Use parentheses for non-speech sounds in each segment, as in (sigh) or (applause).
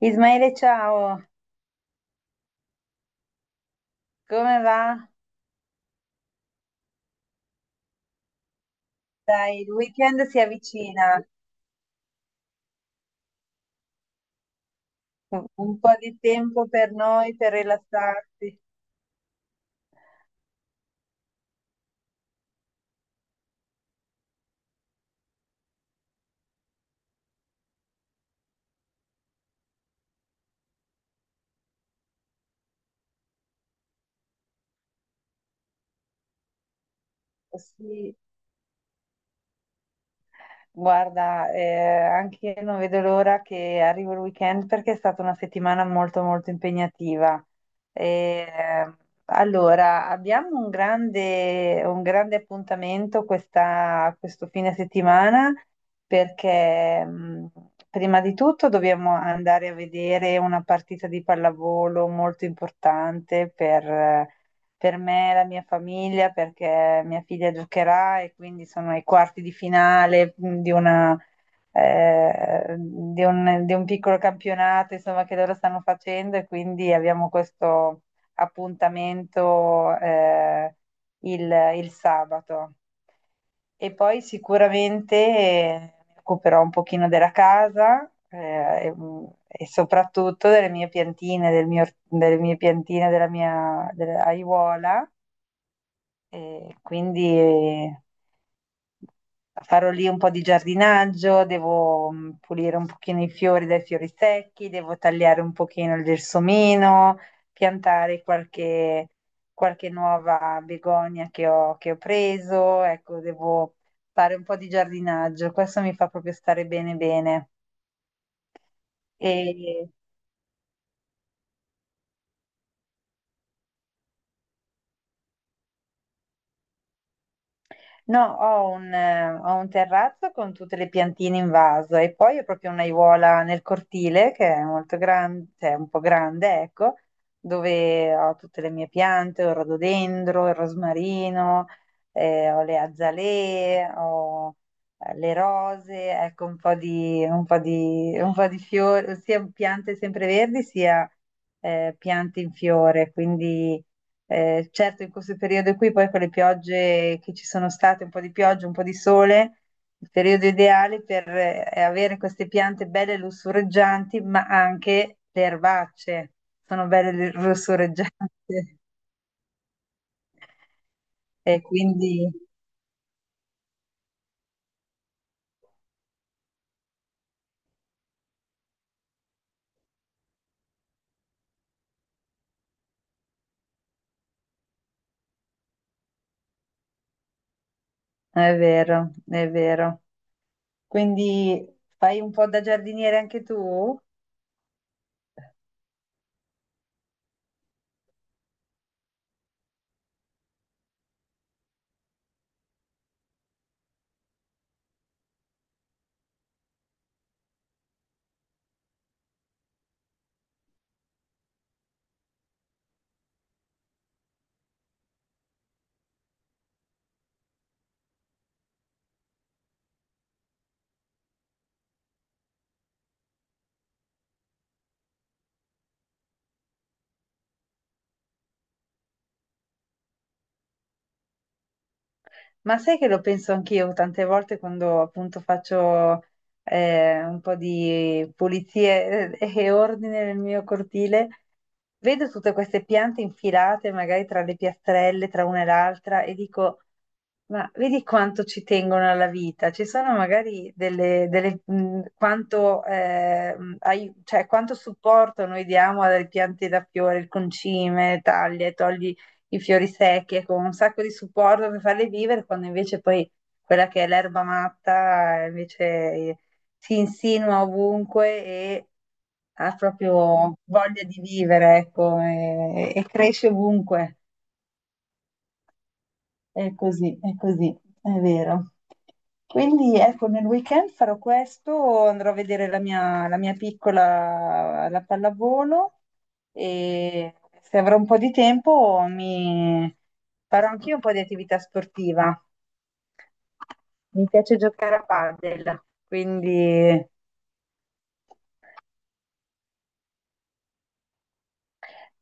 Ismaele, ciao, come va? Il weekend si avvicina, un po' di tempo per noi per rilassarsi. Sì, guarda, anche io non vedo l'ora che arrivi il weekend perché è stata una settimana molto molto impegnativa. Eh, allora, abbiamo un grande appuntamento questo fine settimana perché prima di tutto dobbiamo andare a vedere una partita di pallavolo molto importante per me e la mia famiglia perché mia figlia giocherà e quindi sono ai quarti di finale di di di un piccolo campionato, insomma, che loro stanno facendo e quindi abbiamo questo appuntamento il il sabato. E poi sicuramente, mi occuperò un pochino della casa, e e soprattutto delle mie piantine, del mio or delle mie piantine, della aiuola, e quindi farò lì un po' di giardinaggio, devo pulire un pochino i fiori dai fiori secchi, devo tagliare un pochino il gelsomino, piantare qualche nuova begonia che ho preso, ecco, devo fare un po' di giardinaggio, questo mi fa proprio stare bene bene. No, ho un terrazzo con tutte le piantine in vaso e poi ho proprio un'aiuola nel cortile che è molto grande, cioè un po' grande, ecco, dove ho tutte le mie piante, ho il rododendro, il rosmarino, ho le azalee, ho le rose, ecco un po' di fiori, sia piante sempreverdi sia piante in fiore, quindi certo, in questo periodo qui, poi con le piogge che ci sono state, un po' di pioggia, un po' di sole, il periodo ideale per avere queste piante belle lussureggianti, ma anche le erbacce sono belle lussureggianti. (laughs) E quindi è vero, è vero. Quindi fai un po' da giardiniere anche tu? Ma sai che lo penso anch'io tante volte quando appunto faccio un po' di pulizie e ordine nel mio cortile, vedo tutte queste piante infilate magari tra le piastrelle, tra una e l'altra e dico, ma vedi quanto ci tengono alla vita, ci sono magari cioè, quanto supporto noi diamo alle piante da fiore, il concime, taglia, e togli i fiori secchi, ecco, un sacco di supporto per farle vivere, quando invece poi quella che è l'erba matta invece si insinua ovunque e ha proprio voglia di vivere, ecco, e cresce ovunque. È così, è così, è vero. Quindi ecco, nel weekend farò questo, andrò a vedere la mia piccola alla pallavolo e se avrò un po' di tempo mi farò anch'io un po' di attività sportiva. Mi piace giocare a padel, quindi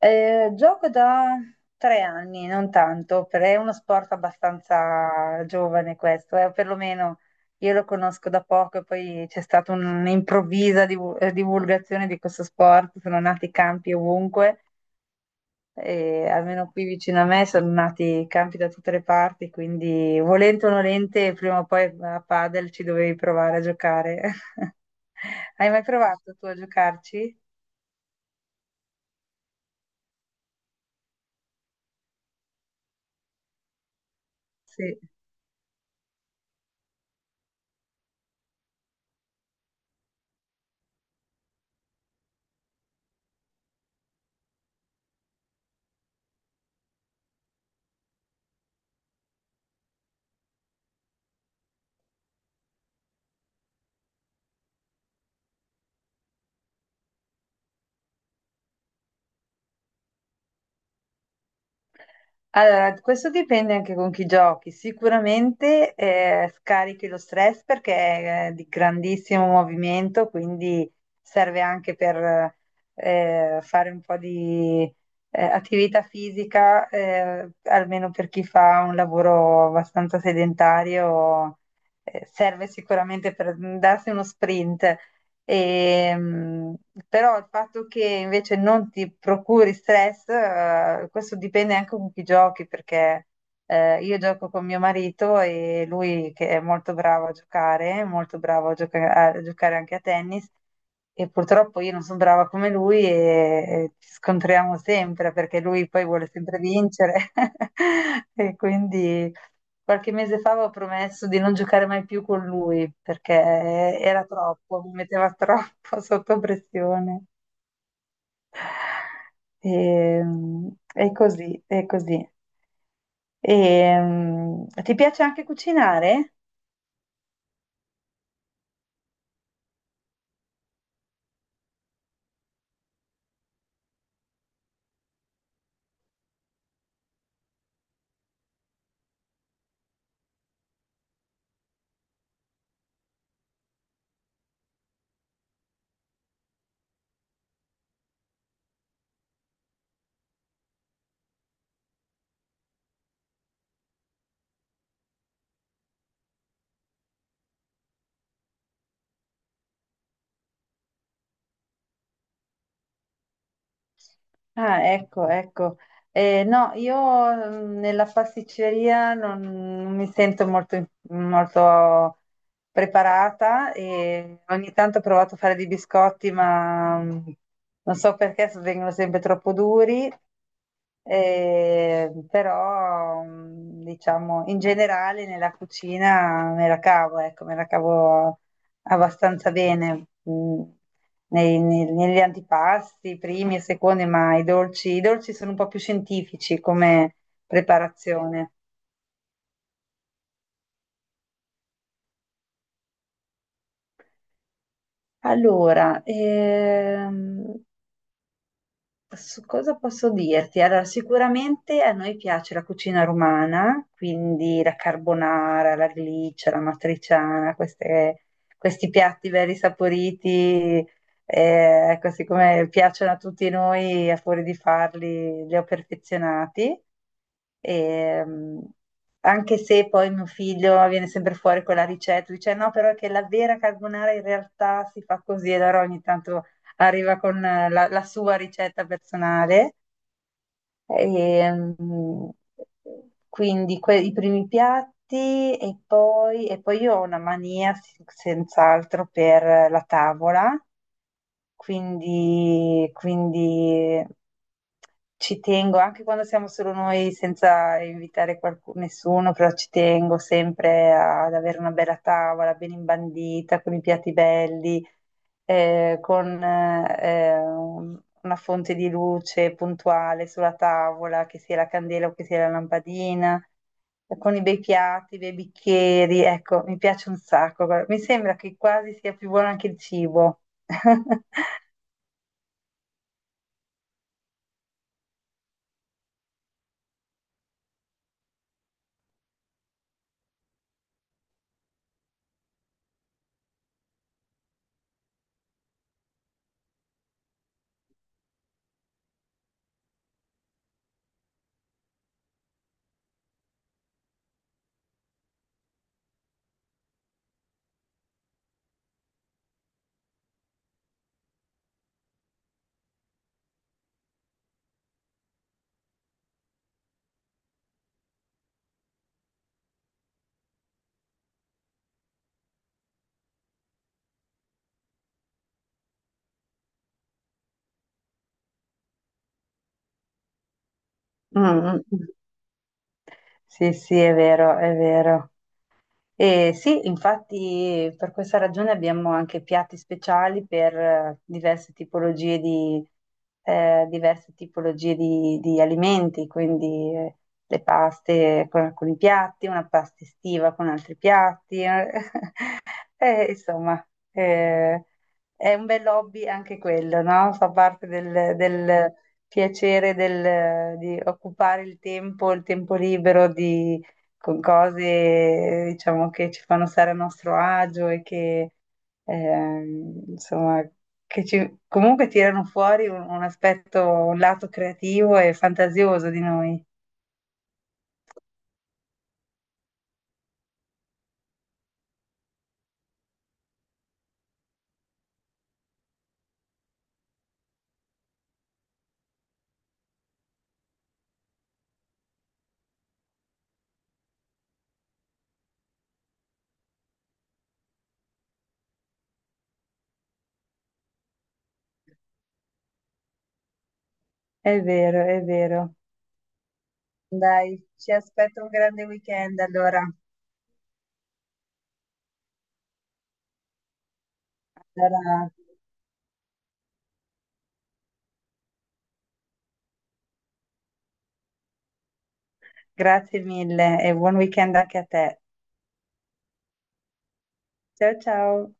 Gioco da tre anni, non tanto, perché è uno sport abbastanza giovane questo, perlomeno io lo conosco da poco e poi c'è stata divulgazione di questo sport, sono nati campi ovunque, e almeno qui vicino a me sono nati campi da tutte le parti, quindi volente o nolente, prima o poi a padel ci dovevi provare a giocare. (laughs) Hai mai provato tu a giocarci? Sì. Allora, questo dipende anche con chi giochi. Sicuramente scarichi lo stress perché è di grandissimo movimento, quindi serve anche per fare un po' di attività fisica, almeno per chi fa un lavoro abbastanza sedentario, serve sicuramente per darsi uno sprint. Ehm, Però il fatto che invece non ti procuri stress, questo dipende anche con chi giochi, perché io gioco con mio marito e lui che è molto bravo a giocare, molto bravo a giocare anche a tennis, e purtroppo io non sono brava come e ci scontriamo sempre perché lui poi vuole sempre vincere. (laughs) E quindi qualche mese fa avevo promesso di non giocare mai più con lui perché era troppo, mi metteva troppo (laughs) sotto pressione. E, mm, è così, è così. Ti piace anche cucinare? Ah, ecco, ecco. No, io nella pasticceria non mi sento molto preparata e ogni tanto ho provato a fare dei biscotti, ma non so perché vengono sempre troppo duri però diciamo in generale nella cucina me la cavo, ecco, me la cavo abbastanza bene negli antipasti, primi e secondi, ma i dolci sono un po' più scientifici come preparazione. Allora, su cosa posso dirti? Allora, sicuramente a noi piace la cucina romana, quindi la carbonara, la gliccia, la matriciana, questi piatti belli saporiti, così come piacciono a tutti noi, a fuori di farli, li ho perfezionati. E, mm, Anche se poi mio figlio viene sempre fuori con la ricetta, dice no, però è che la vera carbonara in realtà si fa così, allora ogni tanto arriva con la sua ricetta personale. E, mm, quindi i primi piatti e poi io ho una mania senz'altro per la tavola, quindi ci tengo anche quando siamo solo noi senza invitare qualcuno, nessuno, però ci tengo sempre ad avere una bella tavola ben imbandita con i piatti belli con una fonte di luce puntuale sulla tavola, che sia la candela o che sia la lampadina, con i bei piatti, i bei bicchieri, ecco, mi piace un sacco. Guarda, mi sembra che quasi sia più buono anche il cibo. (laughs) Mm, mm, mm. Sì, sì, è vero, è vero. Sì, infatti per questa ragione abbiamo anche piatti speciali per diverse tipologie diverse tipologie di alimenti, quindi le paste con alcuni piatti, una pasta estiva con altri piatti. (laughs) Insomma, eh, è un bel hobby anche quello, no? Fa parte del piacere di occupare il tempo libero di- con cose, diciamo, che ci fanno stare a nostro agio e che, insomma, che comunque tirano fuori un aspetto, un lato creativo e fantasioso di noi. È vero, è vero. Dai, ci aspetto un grande weekend allora. Allora, grazie mille e buon weekend anche a te. Ciao ciao.